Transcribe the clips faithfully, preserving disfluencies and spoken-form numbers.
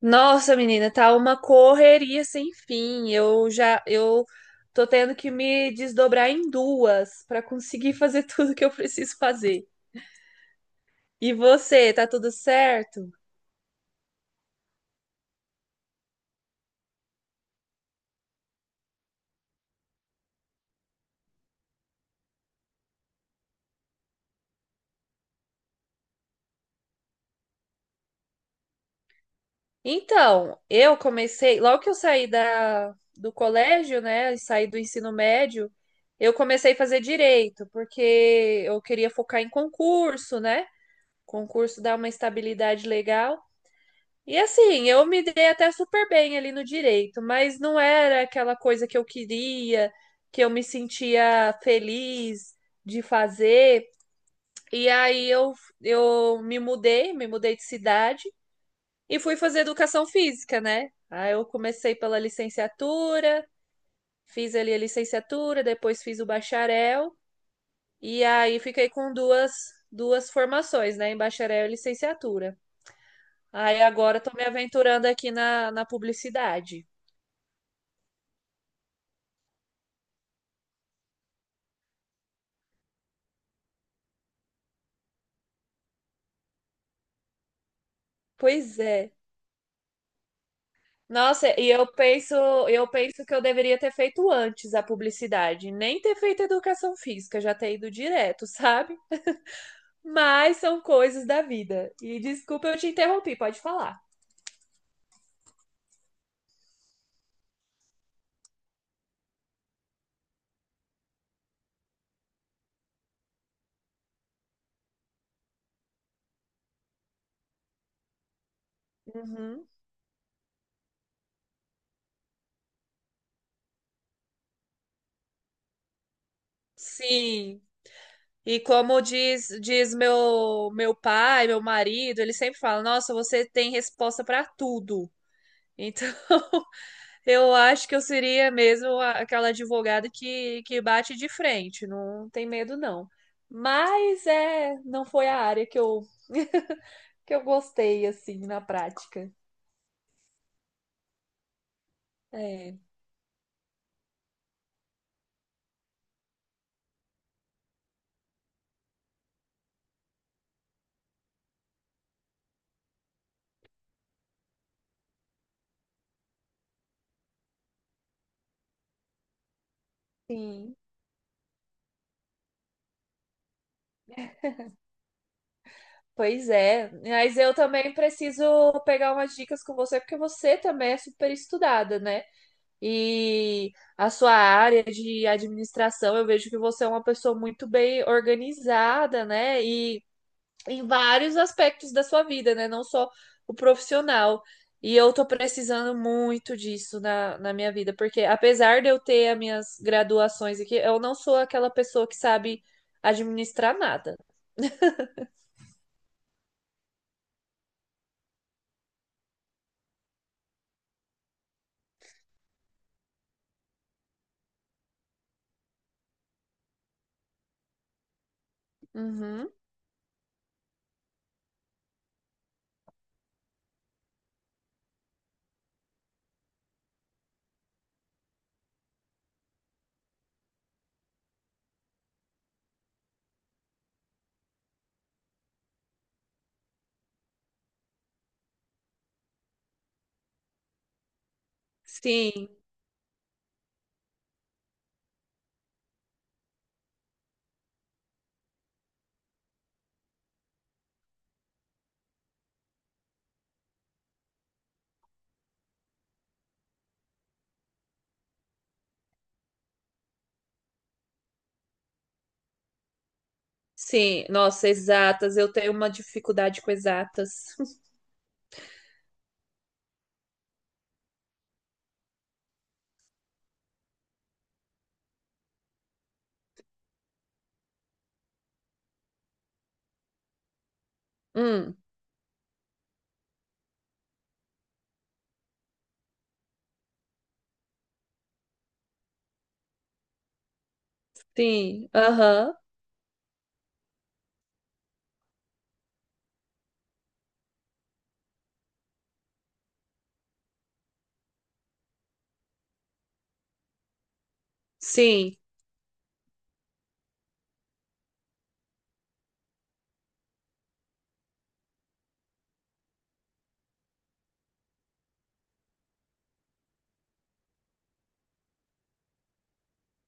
Nossa, menina, tá uma correria sem fim. Eu já, eu tô tendo que me desdobrar em duas para conseguir fazer tudo que eu preciso fazer. E você, tá tudo certo? Então, eu comecei, logo que eu saí da, do colégio, né, e saí do ensino médio, eu comecei a fazer direito, porque eu queria focar em concurso, né? Concurso dá uma estabilidade legal. E assim, eu me dei até super bem ali no direito, mas não era aquela coisa que eu queria, que eu me sentia feliz de fazer. E aí eu, eu me mudei, me mudei de cidade e fui fazer educação física, né? Aí eu comecei pela licenciatura, fiz ali a licenciatura, depois fiz o bacharel, e aí fiquei com duas, duas formações, né? Em bacharel e licenciatura. Aí agora tô me aventurando aqui na, na publicidade. Pois é. Nossa, e eu penso, eu penso que eu deveria ter feito antes a publicidade, nem ter feito educação física, já ter ido direto, sabe? Mas são coisas da vida. E desculpa eu te interrompi, pode falar. Uhum. Sim. E como diz, diz meu, meu pai, meu marido, ele sempre fala: Nossa, você tem resposta para tudo. Então, eu acho que eu seria mesmo a- aquela advogada que, que bate de frente, não tem medo não. Mas é, não foi a área que eu que eu gostei assim na prática. É, sim. Pois é, mas eu também preciso pegar umas dicas com você, porque você também é super estudada, né? E a sua área de administração, eu vejo que você é uma pessoa muito bem organizada, né? E em vários aspectos da sua vida, né? Não só o profissional. E eu tô precisando muito disso na, na minha vida, porque apesar de eu ter as minhas graduações aqui, eu não sou aquela pessoa que sabe administrar nada. Uhum. Sim, sim. Nossa, exatas. Eu tenho uma dificuldade com exatas. Hum, sim. Aham. Sim.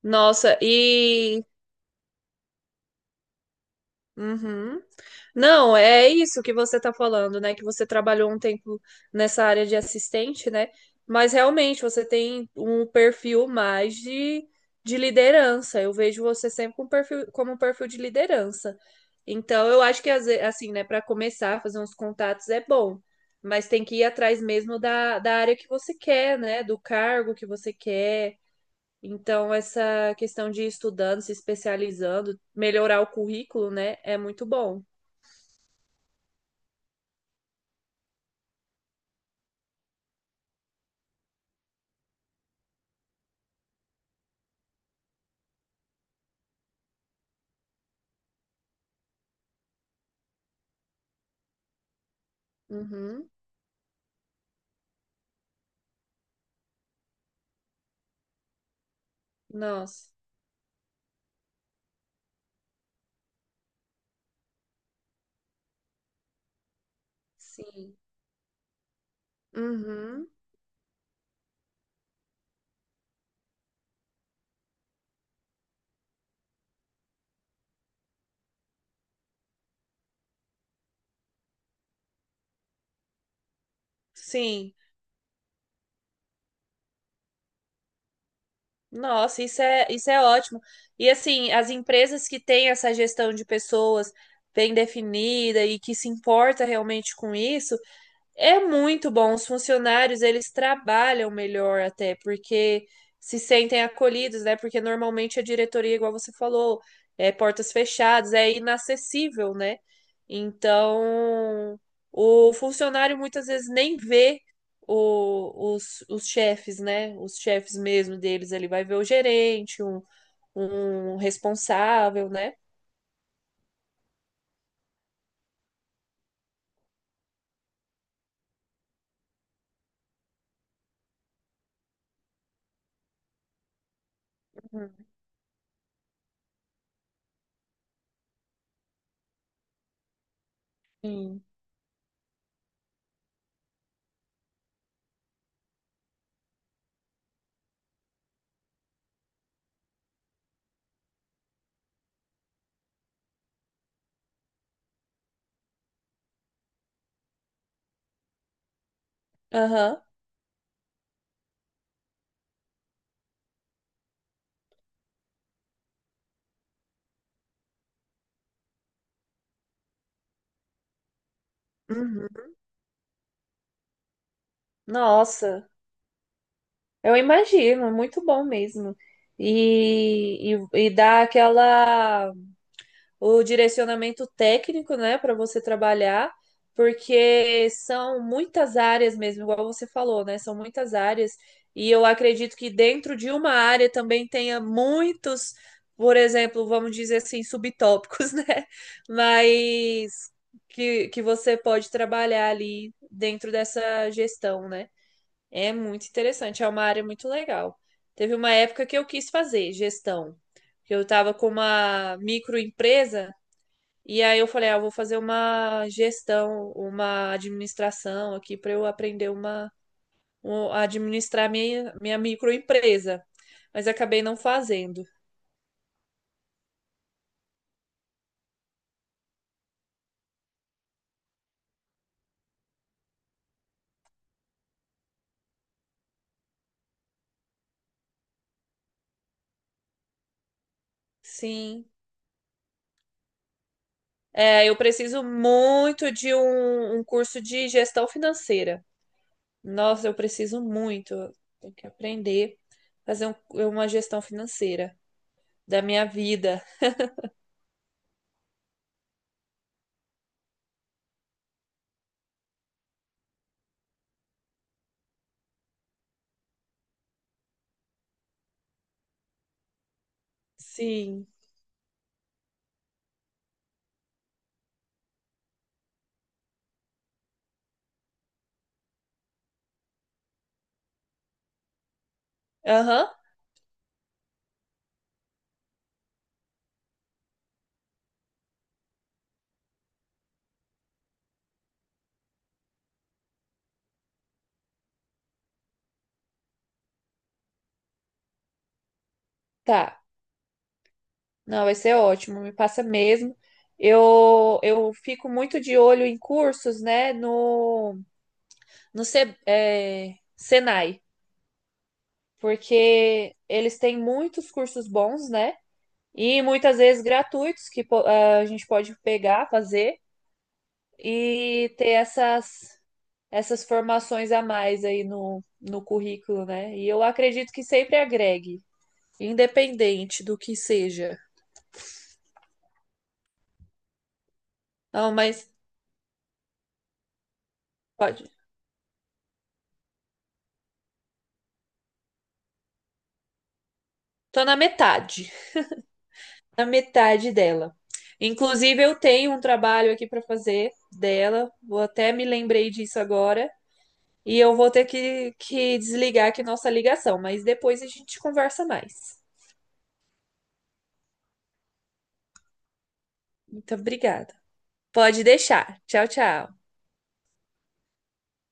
Nossa, e uhum. Não, é isso que você está falando, né? Que você trabalhou um tempo nessa área de assistente, né? Mas realmente você tem um perfil mais de, de liderança. Eu vejo você sempre com um perfil, como um perfil de liderança. Então, eu acho que, às ve- assim, né, para começar a fazer uns contatos é bom, mas tem que ir atrás mesmo da, da área que você quer, né? Do cargo que você quer então, essa questão de ir estudando, se especializando, melhorar o currículo, né, é muito bom. Uhum. Nossa, sim. Uhum. Sim. Nossa, isso é, isso é ótimo. E assim, as empresas que têm essa gestão de pessoas bem definida e que se importa realmente com isso, é muito bom. Os funcionários, eles trabalham melhor até, porque se sentem acolhidos, né? Porque normalmente a diretoria, igual você falou, é portas fechadas, é inacessível, né? Então, o funcionário muitas vezes nem vê o- os, os chefes, né? Os chefes mesmo deles. Ele vai ver o gerente, um, um responsável, né? Uhum. Sim. Aham. Uhum. Nossa. Eu imagino, é muito bom mesmo. E, e, e dá aquela o direcionamento técnico, né, para você trabalhar, porque são muitas áreas mesmo, igual você falou, né? São muitas áreas. E eu acredito que dentro de uma área também tenha muitos, por exemplo, vamos dizer assim, subtópicos, né? Mas que, que você pode trabalhar ali dentro dessa gestão, né? É muito interessante, é uma área muito legal. Teve uma época que eu quis fazer gestão, que eu estava com uma microempresa e aí eu falei, ah, eu vou fazer uma gestão, uma administração aqui para eu aprender uma, um- a administrar minha, minha microempresa, mas acabei não fazendo. Sim, é, eu preciso muito de um, um curso de gestão financeira. Nossa, eu preciso muito, tenho que aprender a fazer um- uma gestão financeira da minha vida. Sim. Aham, tá. Não, vai ser ótimo, me passa mesmo. Eu, eu fico muito de olho em cursos, né, no, no Se- é, Senai, porque eles têm muitos cursos bons, né, e muitas vezes gratuitos que po- a gente pode pegar, fazer e ter essas, essas formações a mais aí no, no currículo, né, e eu acredito que sempre agregue, independente do que seja. Não, mas pode. Tô na metade, na metade dela. Inclusive, eu tenho um trabalho aqui para fazer dela. Vou até me lembrei disso agora. E eu vou ter que, que desligar aqui nossa ligação, mas depois a gente conversa mais. Muito obrigada. Pode deixar. Tchau, tchau.